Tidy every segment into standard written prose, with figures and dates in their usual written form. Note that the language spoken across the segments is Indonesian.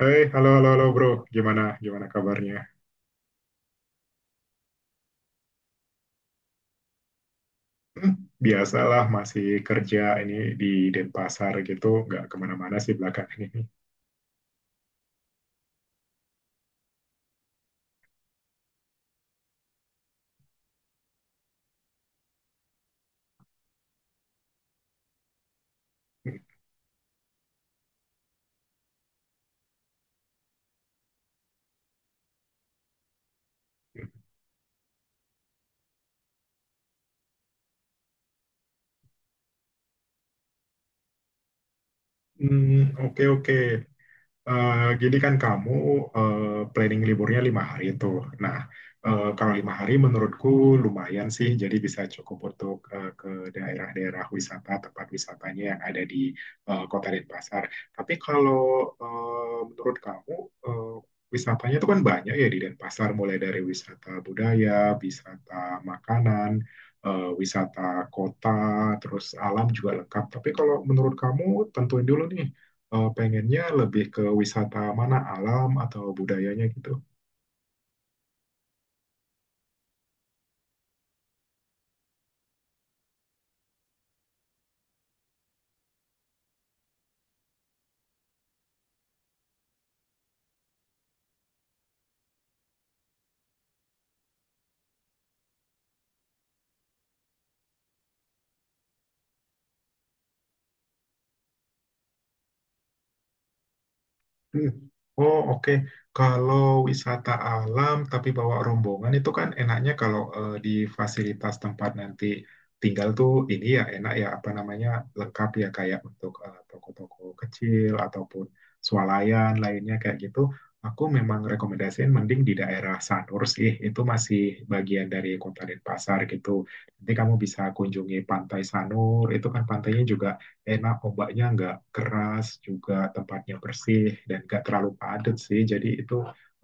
Hei, halo, halo, halo, bro. Gimana kabarnya? Hmm, Biasalah, masih kerja ini di Denpasar gitu, nggak kemana-mana sih belakangan ini. Hmm, oke, oke. Jadi kan kamu eh, planning liburnya 5 hari tuh. Nah, kalau 5 hari menurutku lumayan sih, jadi bisa cukup untuk ke daerah-daerah wisata, tempat wisatanya yang ada di Kota Denpasar. Tapi kalau menurut kamu eh, wisatanya itu kan banyak ya di Denpasar, mulai dari wisata budaya, wisata makanan, wisata kota, terus alam juga lengkap. Tapi kalau menurut kamu tentuin dulu nih pengennya lebih ke wisata mana, alam atau budayanya gitu. Hmm. Oh, oke. Kalau wisata alam tapi bawa rombongan itu kan enaknya kalau di fasilitas tempat nanti tinggal tuh ini ya enak ya apa namanya lengkap ya kayak untuk toko-toko kecil ataupun swalayan lainnya kayak gitu. Aku memang rekomendasiin mending di daerah Sanur sih. Itu masih bagian dari Kota Denpasar gitu. Nanti kamu bisa kunjungi Pantai Sanur. Itu kan pantainya juga enak, ombaknya nggak keras, juga tempatnya bersih dan nggak terlalu padat sih, jadi itu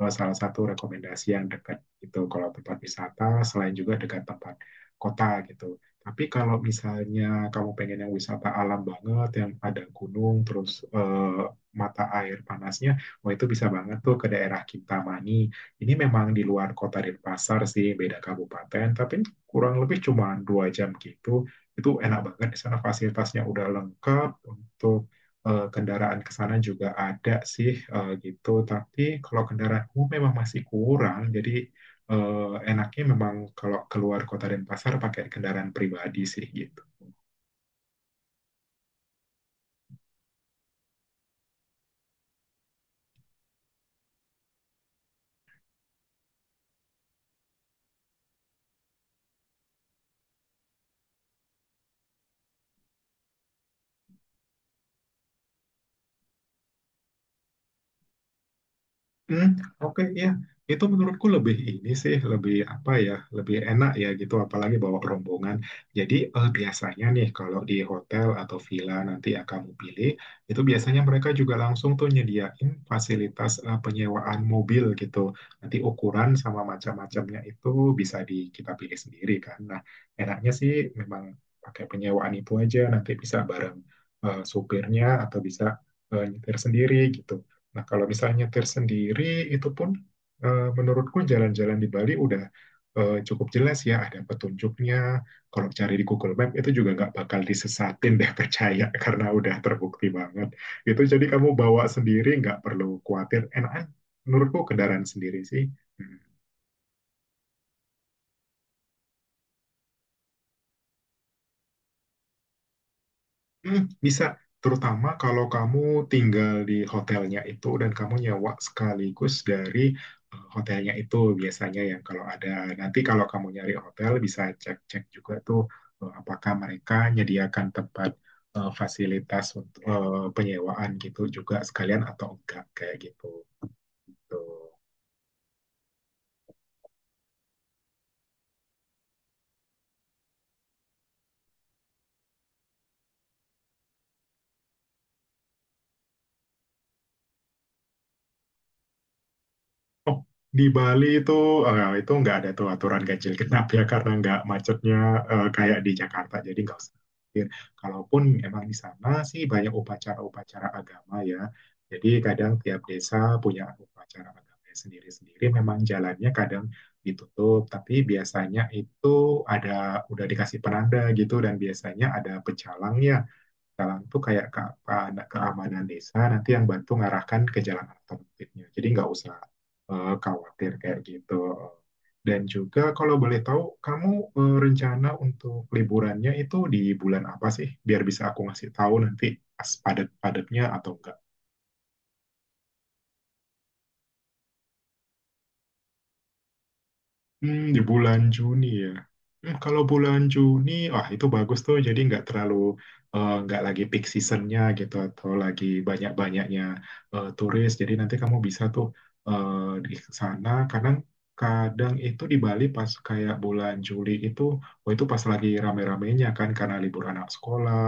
salah satu rekomendasi yang dekat gitu kalau tempat wisata, selain juga dekat tempat kota gitu. Tapi kalau misalnya kamu pengen yang wisata alam banget yang ada gunung terus mata air panasnya, wah itu bisa banget tuh ke daerah Kintamani. Ini memang di luar kota Denpasar sih, beda kabupaten, tapi kurang lebih cuma 2 jam gitu. Itu enak banget di sana, fasilitasnya udah lengkap untuk kendaraan ke sana juga ada sih gitu. Tapi kalau kendaraan umum memang masih kurang, jadi enaknya memang kalau keluar kota Denpasar pakai kendaraan pribadi sih gitu. Hmm, oke ya. Itu menurutku lebih ini sih, lebih apa ya, lebih enak ya gitu apalagi bawa rombongan. Jadi biasanya nih kalau di hotel atau villa nanti yang kamu pilih itu biasanya mereka juga langsung tuh nyediain fasilitas penyewaan mobil gitu. Nanti ukuran sama macam-macamnya itu bisa di kita pilih sendiri kan. Nah, enaknya sih memang pakai penyewaan itu aja, nanti bisa bareng supirnya atau bisa nyetir sendiri gitu. Nah, kalau misalnya nyetir sendiri, itu pun menurutku jalan-jalan di Bali udah cukup jelas ya, ada petunjuknya. Kalau cari di Google Map itu juga nggak bakal disesatin deh, percaya, karena udah terbukti banget. Itu jadi kamu bawa sendiri, nggak perlu khawatir, enakan. Menurutku kendaraan sendiri sih. Hmm. Hmm, bisa, terutama kalau kamu tinggal di hotelnya itu dan kamu nyewa sekaligus dari hotelnya itu biasanya ya kalau ada. Nanti kalau kamu nyari hotel bisa cek-cek juga tuh apakah mereka menyediakan tempat fasilitas untuk penyewaan gitu juga sekalian atau enggak kayak gitu. Tuh. Oh, di Bali itu itu nggak ada tuh aturan ganjil genap ya, karena nggak macetnya kayak di Jakarta, jadi nggak usah khawatir. Kalaupun emang di sana sih banyak upacara-upacara agama ya. Jadi kadang tiap desa punya upacara agama sendiri-sendiri. Memang jalannya kadang ditutup, tapi biasanya itu ada, udah dikasih penanda gitu, dan biasanya ada pecalangnya, jalan tuh kayak ke, keamanan desa, nanti yang bantu ngarahkan ke jalan alternatifnya. Jadi nggak usah khawatir kayak gitu. Dan juga kalau boleh tahu, kamu rencana untuk liburannya itu di bulan apa sih? Biar bisa aku ngasih tahu nanti pas padat-padatnya atau enggak. Di bulan Juni ya. Kalau bulan Juni, wah itu bagus tuh. Jadi nggak terlalu nggak lagi peak seasonnya gitu atau lagi banyak-banyaknya turis. Jadi nanti kamu bisa tuh eh, di sana. Kadang-kadang itu di Bali pas kayak bulan Juli itu, oh itu pas lagi rame-ramenya kan, karena libur anak sekolah.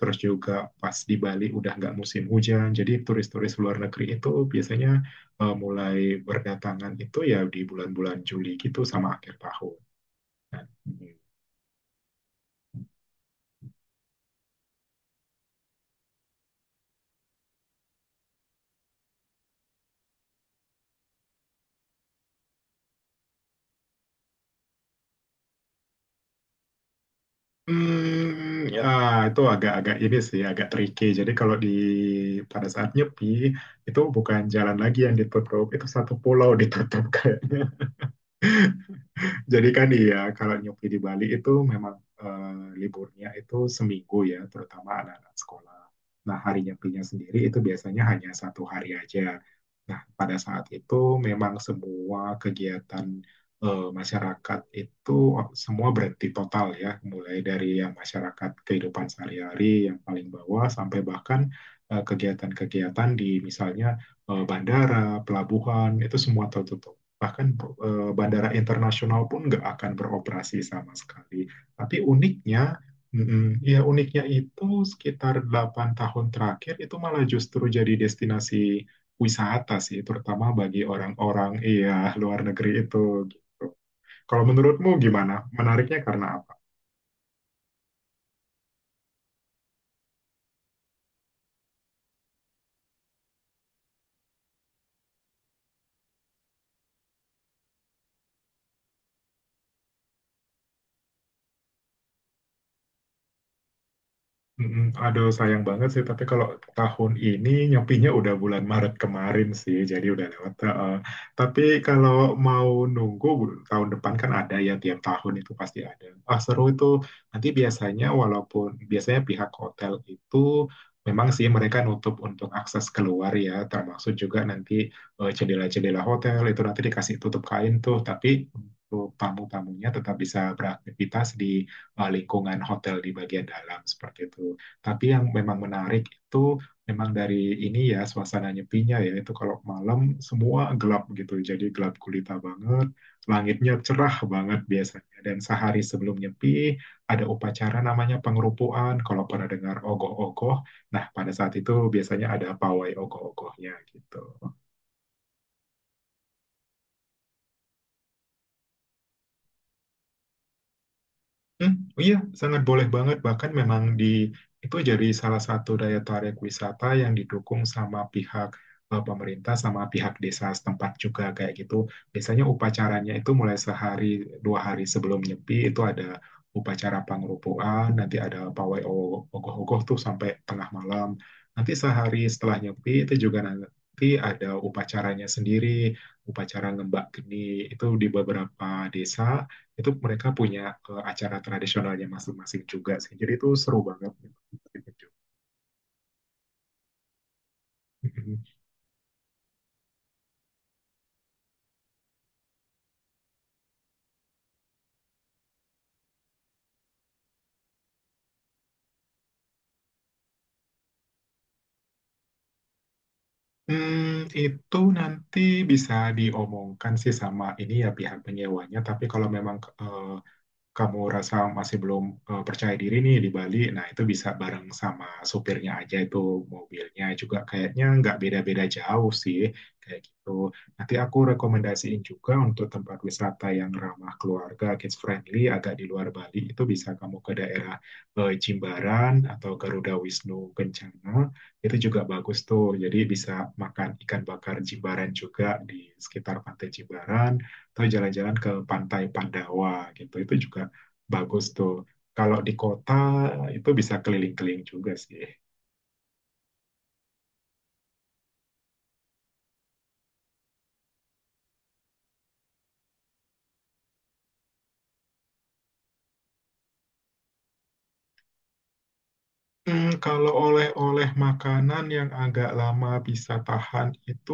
Terus juga pas di Bali udah nggak musim hujan. Jadi turis-turis luar negeri itu biasanya mulai berdatangan itu ya di bulan-bulan Juli gitu sama akhir tahun. Nah, ya itu agak-agak ini sih, agak tricky. Jadi kalau di pada saat nyepi itu bukan jalan lagi yang ditutup, itu satu pulau ditutup kayaknya. Jadi kan iya, kalau nyupi di Bali itu memang liburnya itu seminggu ya, terutama anak-anak sekolah. Nah, hari nyepinya sendiri itu biasanya hanya satu hari aja. Nah, pada saat itu memang semua kegiatan masyarakat itu semua berhenti total ya, mulai dari yang masyarakat kehidupan sehari-hari yang paling bawah sampai bahkan kegiatan-kegiatan di misalnya bandara, pelabuhan, itu semua tertutup, bahkan bandara internasional pun nggak akan beroperasi sama sekali. Tapi uniknya, ya uniknya itu sekitar 8 tahun terakhir itu malah justru jadi destinasi wisata sih, terutama bagi orang-orang, iya, luar negeri itu. Gitu. Kalau menurutmu gimana? Menariknya karena apa? Mm-mm. Aduh, sayang banget sih. Tapi kalau tahun ini nyepinya udah bulan Maret kemarin sih, jadi udah lewat. Heeh. Tapi kalau mau nunggu tahun depan kan ada ya, tiap tahun itu pasti ada. Ah, seru itu. Nanti biasanya walaupun biasanya pihak hotel itu memang sih mereka nutup untuk akses keluar ya, termasuk juga nanti jendela-jendela hotel itu nanti dikasih tutup kain tuh. Tapi untuk tamu-tamunya tetap bisa beraktivitas di lingkungan hotel di bagian dalam seperti itu. Tapi yang memang menarik itu memang dari ini ya suasana nyepinya ya, itu kalau malam semua gelap gitu. Jadi gelap gulita banget, langitnya cerah banget biasanya. Dan sehari sebelum nyepi ada upacara namanya pengerupuan. Kalau pernah dengar ogoh-ogoh, nah pada saat itu biasanya ada pawai ogoh-ogohnya gitu. Hmm, iya, sangat boleh banget. Bahkan memang di itu jadi salah satu daya tarik wisata yang didukung sama pihak pemerintah sama pihak desa setempat juga kayak gitu. Biasanya upacaranya itu mulai sehari 2 hari sebelum nyepi itu ada upacara pangrupuan, nanti ada pawai ogoh-ogoh tuh sampai tengah malam. Nanti sehari setelah nyepi itu juga nanti ada upacaranya sendiri, upacara ngembak geni, itu di beberapa desa itu mereka punya acara tradisionalnya masing-masing juga sih. Jadi itu seru banget. gitu. Hmm, itu nanti bisa diomongkan sih sama ini ya pihak penyewanya. Tapi kalau memang eh, kamu rasa masih belum percaya diri nih di Bali, nah itu bisa bareng sama supirnya aja, itu mobilnya juga kayaknya nggak beda-beda jauh sih kayak gitu. Nanti aku rekomendasiin juga untuk tempat wisata yang ramah keluarga, kids friendly, agak di luar Bali, itu bisa kamu ke daerah Jimbaran atau Garuda Wisnu Kencana, itu juga bagus tuh. Jadi bisa makan ikan bakar Jimbaran juga di sekitar Pantai Jimbaran atau jalan-jalan ke Pantai Pandawa gitu, itu juga bagus tuh. Kalau di kota itu bisa keliling-keliling juga sih. Kalau oleh-oleh makanan yang agak lama bisa tahan itu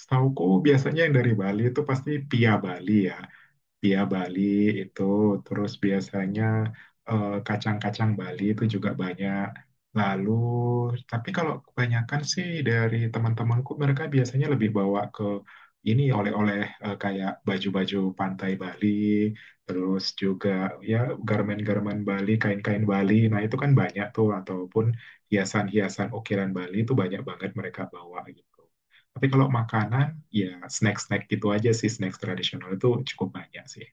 setauku biasanya yang dari Bali itu pasti pia Bali ya, Bia Bali itu. Terus biasanya kacang-kacang Bali itu juga banyak. Lalu, tapi kalau kebanyakan sih dari teman-temanku mereka biasanya lebih bawa ke ini oleh-oleh kayak baju-baju pantai Bali, terus juga ya garmen-garmen Bali, kain-kain Bali. Nah, itu kan banyak tuh ataupun hiasan-hiasan ukiran Bali itu banyak banget mereka bawa gitu. Tapi kalau makanan, ya snack-snack gitu aja sih, snack tradisional itu cukup banyak sih.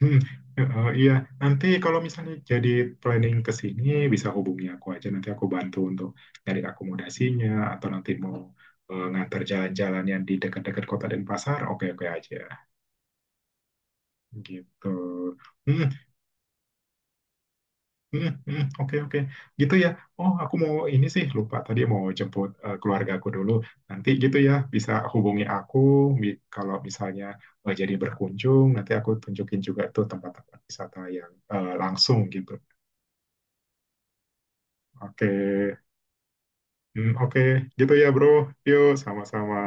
Hmm, iya, nanti kalau misalnya jadi planning ke sini bisa hubungi aku aja, nanti aku bantu untuk cari akomodasinya atau nanti mau ngantar jalan-jalan yang di dekat-dekat Kota Denpasar, oke-oke aja gitu. Hmm, hmm, hmm, oke-oke. Gitu ya. Oh, aku mau ini sih lupa tadi mau jemput keluarga aku dulu. Nanti gitu ya bisa hubungi aku, kalau misalnya jadi berkunjung, nanti aku tunjukin juga tuh tempat-tempat wisata yang langsung gitu. Oke, hmm, oke. Gitu ya, bro. Yuk, sama-sama.